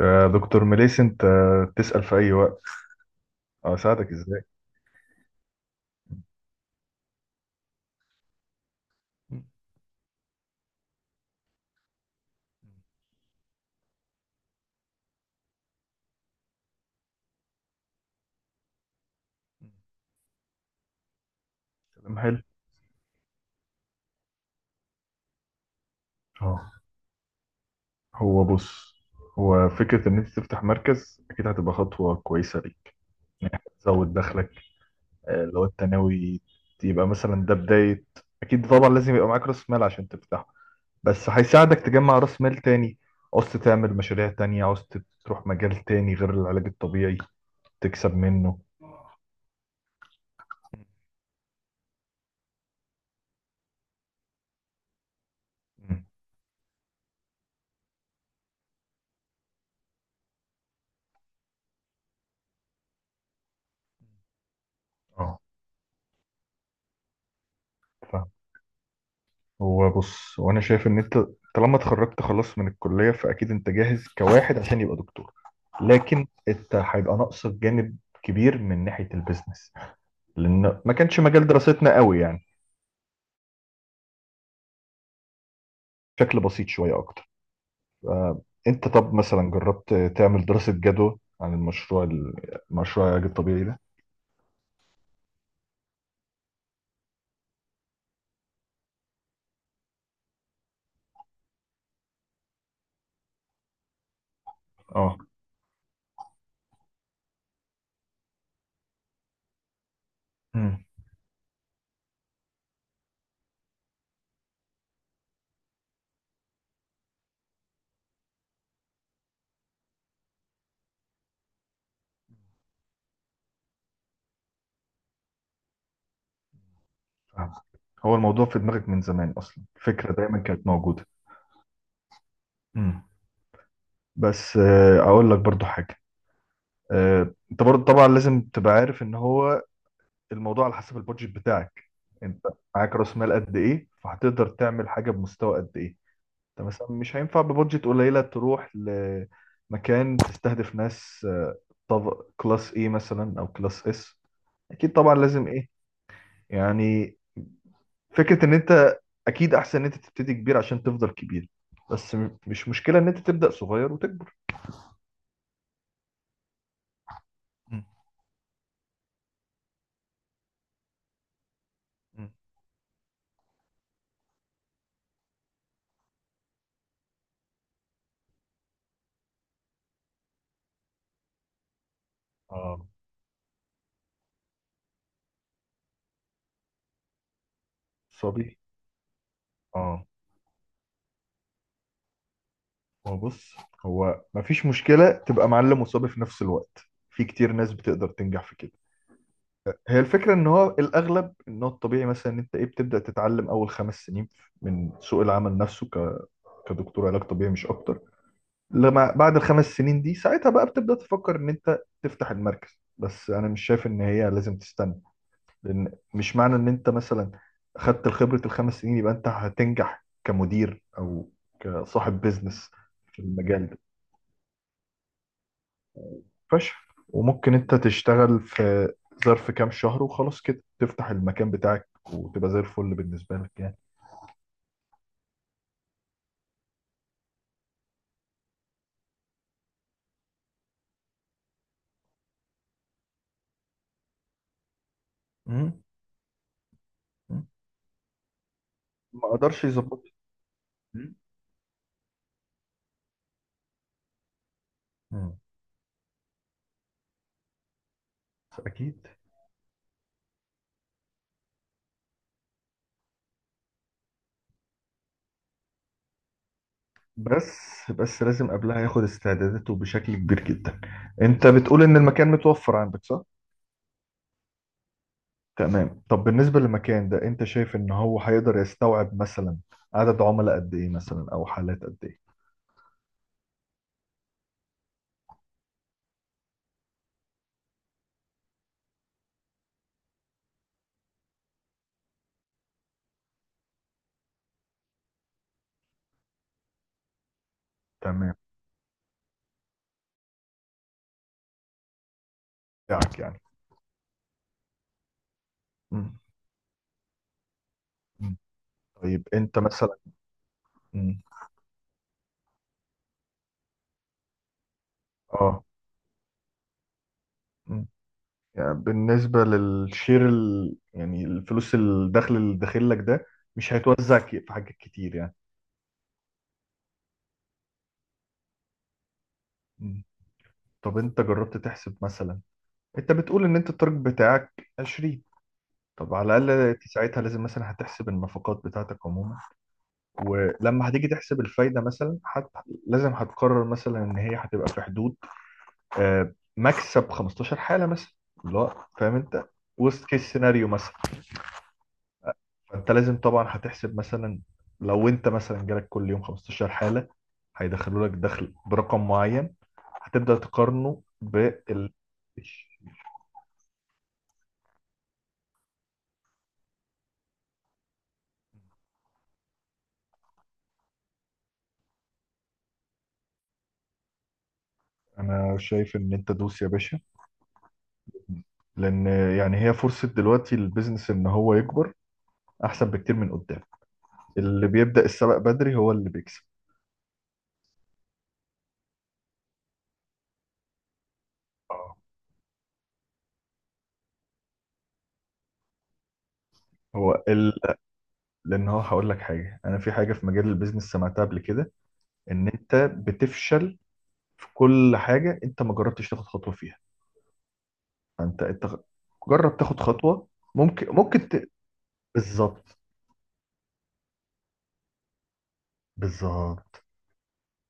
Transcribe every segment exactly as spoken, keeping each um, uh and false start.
يا دكتور مليس، انت تسأل في اي وقت. آه، اساعدك ازاي؟ كلام حلو. اه هو بص، هو فكرة ان انت تفتح مركز اكيد هتبقى خطوة كويسة ليك. يعني هتزود دخلك. آه، لو انت ناوي، يبقى مثلا ده بداية. اكيد طبعا لازم يبقى معاك راس مال عشان تفتحه. بس هيساعدك تجمع راس مال تاني. عوزت تعمل مشاريع تانية، عوزت تروح مجال تاني غير العلاج الطبيعي تكسب منه. اه هو بص، وانا شايف ان انت طالما اتخرجت خلاص من الكليه فاكيد انت جاهز كواحد عشان يبقى دكتور. لكن انت هيبقى ناقصك جانب كبير من ناحيه البيزنس، لان ما كانش مجال دراستنا قوي يعني. بشكل بسيط شويه اكتر. آه، انت طب مثلا جربت تعمل دراسه جدوى عن المشروع، المشروع العلاج الطبيعي ده؟ اه. امم فاهم. هو الموضوع في دماغك من زمان، اصلا الفكره دايما كانت موجوده. امم بس آه، اقول لك برضو حاجه. آه، انت برضو طبعا لازم تبقى عارف ان هو الموضوع على حسب البادجت بتاعك. انت معاك راس مال قد ايه فهتقدر تعمل حاجه بمستوى قد ايه. انت مثلا مش هينفع ببادجت قليله تروح لمكان تستهدف ناس، طب كلاس ايه مثلا او كلاس اس. اكيد طبعا لازم ايه يعني. فكره ان انت اكيد احسن ان انت تبتدي كبير عشان تفضل كبير. بس م- مش مشكله ان انت تبدا صغير وتكبر. مم. مم. اه. صبي. اه. هو بص، هو مفيش مشكلة تبقى معلم وصبي في نفس الوقت. في كتير ناس بتقدر تنجح في كده. هي الفكرة ان هو الاغلب ان هو الطبيعي مثلا ان انت ايه بتبدأ تتعلم اول خمس سنين من سوق العمل نفسه ك... كدكتور علاج طبيعي مش اكتر. لما بعد الخمس سنين دي ساعتها بقى بتبدأ تفكر ان انت تفتح المركز، بس انا مش شايف ان هي لازم تستنى. لان مش معنى ان انت مثلا خدت خبرة الخمس سنين يبقى انت هتنجح كمدير او كصاحب بيزنس في المجال ده فشخ. وممكن انت تشتغل في ظرف كام شهر وخلاص كده تفتح المكان بتاعك وتبقى زي الفل بالنسبة لك يعني. مم. مم. ما اقدرش يظبط. مم. مم. اكيد. بس بس لازم قبلها ياخد استعداداته بشكل كبير جدا. انت بتقول ان المكان متوفر عندك، صح؟ تمام. طب بالنسبة للمكان ده انت شايف ان هو هيقدر يستوعب مثلا عدد عملاء قد ايه مثلا او حالات قد ايه؟ تمام. بتاعك يعني. مم. مم. طيب انت مثلا. مم. اه. يعني بالنسبة للشير ال... يعني الفلوس الدخل اللي داخل لك ده مش هيتوزع ك- في حاجات كتير يعني. مم. طب انت جربت تحسب مثلا، انت بتقول ان انت التارجت بتاعك عشرين. طب على الأقل انت ساعتها لازم مثلا هتحسب النفقات بتاعتك عموما. ولما هتيجي تحسب الفايدة مثلا حت... لازم هتقرر مثلا ان هي هتبقى في حدود، آه، مكسب خمس عشرة حالة مثلا، اللي هو فاهم انت، وست كيس سيناريو مثلا. فانت لازم طبعا هتحسب مثلا لو انت مثلا جالك كل يوم خمستاشر حالة هيدخلوا لك دخل برقم معين، هتبدأ تقارنه بال. انا شايف ان انت دوس يا باشا، لان يعني هي فرصة دلوقتي للبيزنس ان هو يكبر احسن بكتير من قدام. اللي بيبدأ السبق بدري هو اللي بيكسب. آه. هو ال... لان هو هقول لك حاجة، انا في حاجة في مجال البيزنس سمعتها قبل كده، ان انت بتفشل في كل حاجة انت ما جربتش تاخد خطوة فيها. انت انت جرب تاخد خطوه. ممكن ممكن ت... بالظبط. بالظبط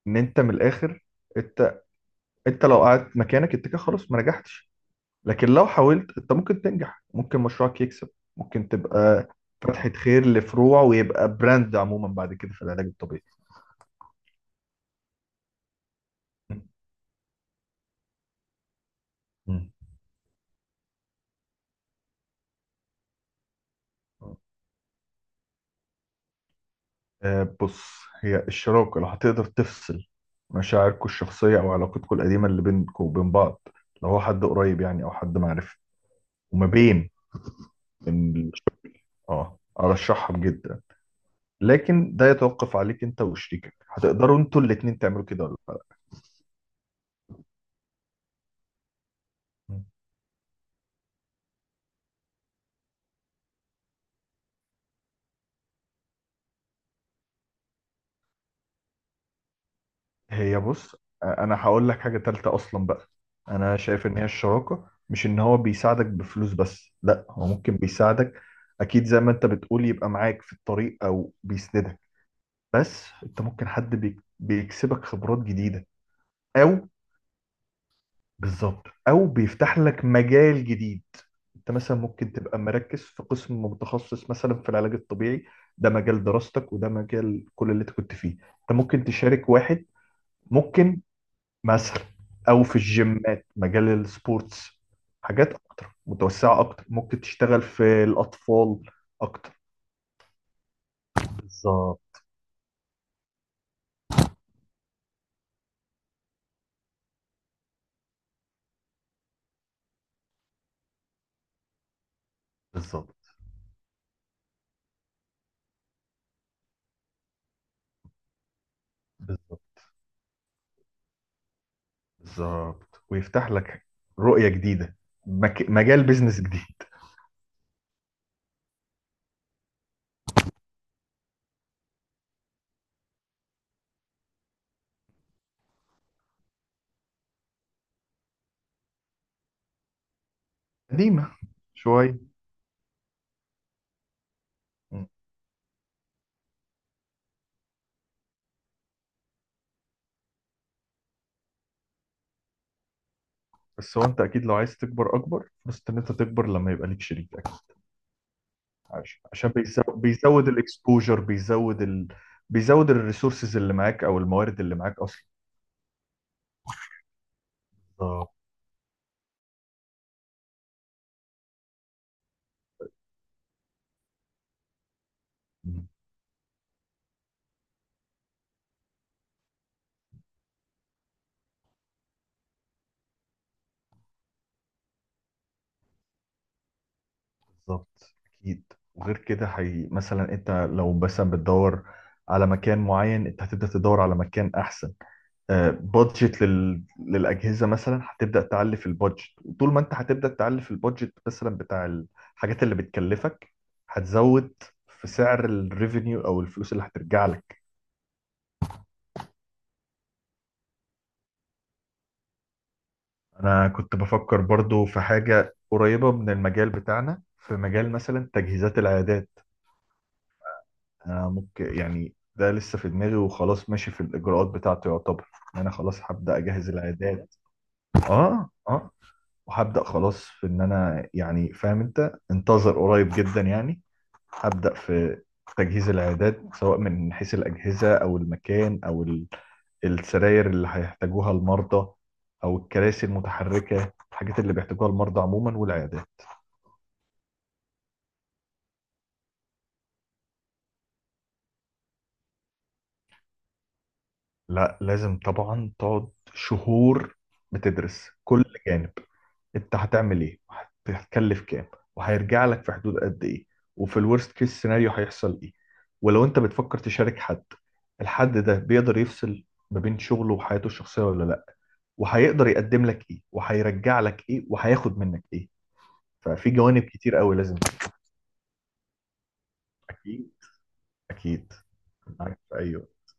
ان انت من الاخر، انت انت لو قعدت مكانك انت كده خلاص ما نجحتش. لكن لو حاولت انت ممكن تنجح، ممكن مشروعك يكسب، ممكن تبقى فتحة خير لفروع ويبقى براند عموما بعد كده في العلاج الطبيعي. مم. آه، بص، هي الشراكة لو هتقدر تفصل مشاعركم الشخصية أو علاقتكم القديمة اللي بينكم وبين بعض، لو هو حد قريب يعني أو حد معرفة، وما بين. اه، ارشحهم جدا. لكن ده يتوقف عليك انت وشريكك هتقدروا انتوا الاتنين تعملوا كده ولا لا. هي بص، انا هقول لك حاجة تالتة اصلا بقى. انا شايف ان هي الشراكة مش ان هو بيساعدك بفلوس بس، لا هو ممكن بيساعدك اكيد زي ما انت بتقول يبقى معاك في الطريق او بيسندك، بس انت ممكن حد بيك- بيكسبك خبرات جديدة، او بالظبط، او بيفتح لك مجال جديد. انت مثلا ممكن تبقى مركز في قسم متخصص مثلا في العلاج الطبيعي، ده مجال دراستك وده مجال كل اللي انت كنت فيه، انت ممكن تشارك واحد. ممكن مثلا. او في الجيمات مجال السبورتس، حاجات اكتر متوسعة اكتر، ممكن تشتغل في الاطفال اكتر. بالظبط. بالظبط. بالظبط. بالظبط ويفتح لك رؤية جديدة، مك... مجال بيزنس جديد. قديمة شوية. مم. بس هو انت اكيد لو عايز تكبر اكبر، بس ان انت تكبر لما يبقى ليك شريك. عش- عشان بيزو- بيزود الاكسبوجر، بيزود ال... بيزود الريسورسز اللي معاك او الموارد اللي معاك اصلا. بالظبط. بالظبط. اكيد. وغير كده حي... مثلا انت لو مثلا بتدور على مكان معين انت هتبدا تدور على مكان احسن. آه، بادجت لل... للاجهزه مثلا هتبدا تعلي في البادجت، وطول ما انت هتبدا تعلي في البادجت مثلا بتاع الحاجات اللي بتكلفك هتزود في سعر الريفينيو او الفلوس اللي هترجع لك. انا كنت بفكر برضو في حاجة قريبة من المجال بتاعنا في مجال مثلا تجهيزات العيادات. انا ممكن يعني ده لسه في دماغي وخلاص ماشي في الاجراءات بتاعته، يعتبر ان انا خلاص هبدأ اجهز العيادات. اه. اه. وهبدأ خلاص في ان انا يعني فاهم انت، انتظر قريب جدا يعني. هبدأ في تجهيز العيادات سواء من حيث الأجهزة أو المكان أو ال- السراير اللي هيحتاجوها المرضى، أو الكراسي المتحركة، الحاجات اللي بيحتاجوها المرضى عموما والعيادات. لا، لازم طبعا تقعد شهور بتدرس كل جانب. انت هتعمل ايه وهت- هتكلف كام، وهيرجع لك في حدود قد ايه، وفي الورست كيس سيناريو هيحصل ايه. ولو انت بتفكر تشارك حد، الحد ده بيقدر يفصل ما بين شغله وحياته الشخصية ولا لا، وهيقدر يقدم لك ايه وهيرجع لك ايه وهياخد منك ايه. ففي جوانب كتير قوي لازم. اكيد. اكيد. معاك في اي وقت.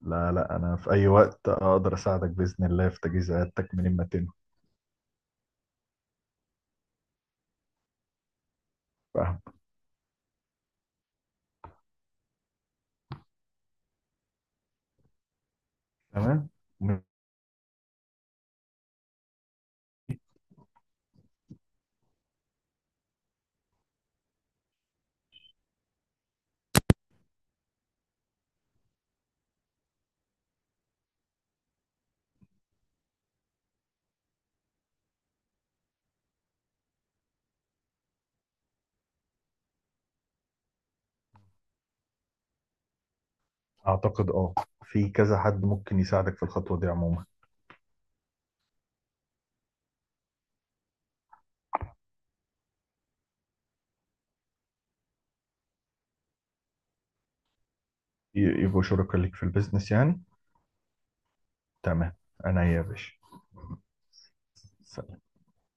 لا لا، انا في اي وقت اقدر اساعدك باذن الله في تجهيز عيادتك من ما تنوي. تمام. اعتقد، اه في كذا حد ممكن يساعدك في الخطوه دي عموما. ي- يبقوا شركاء ليك في البيزنس يعني. تمام. انا يا باشا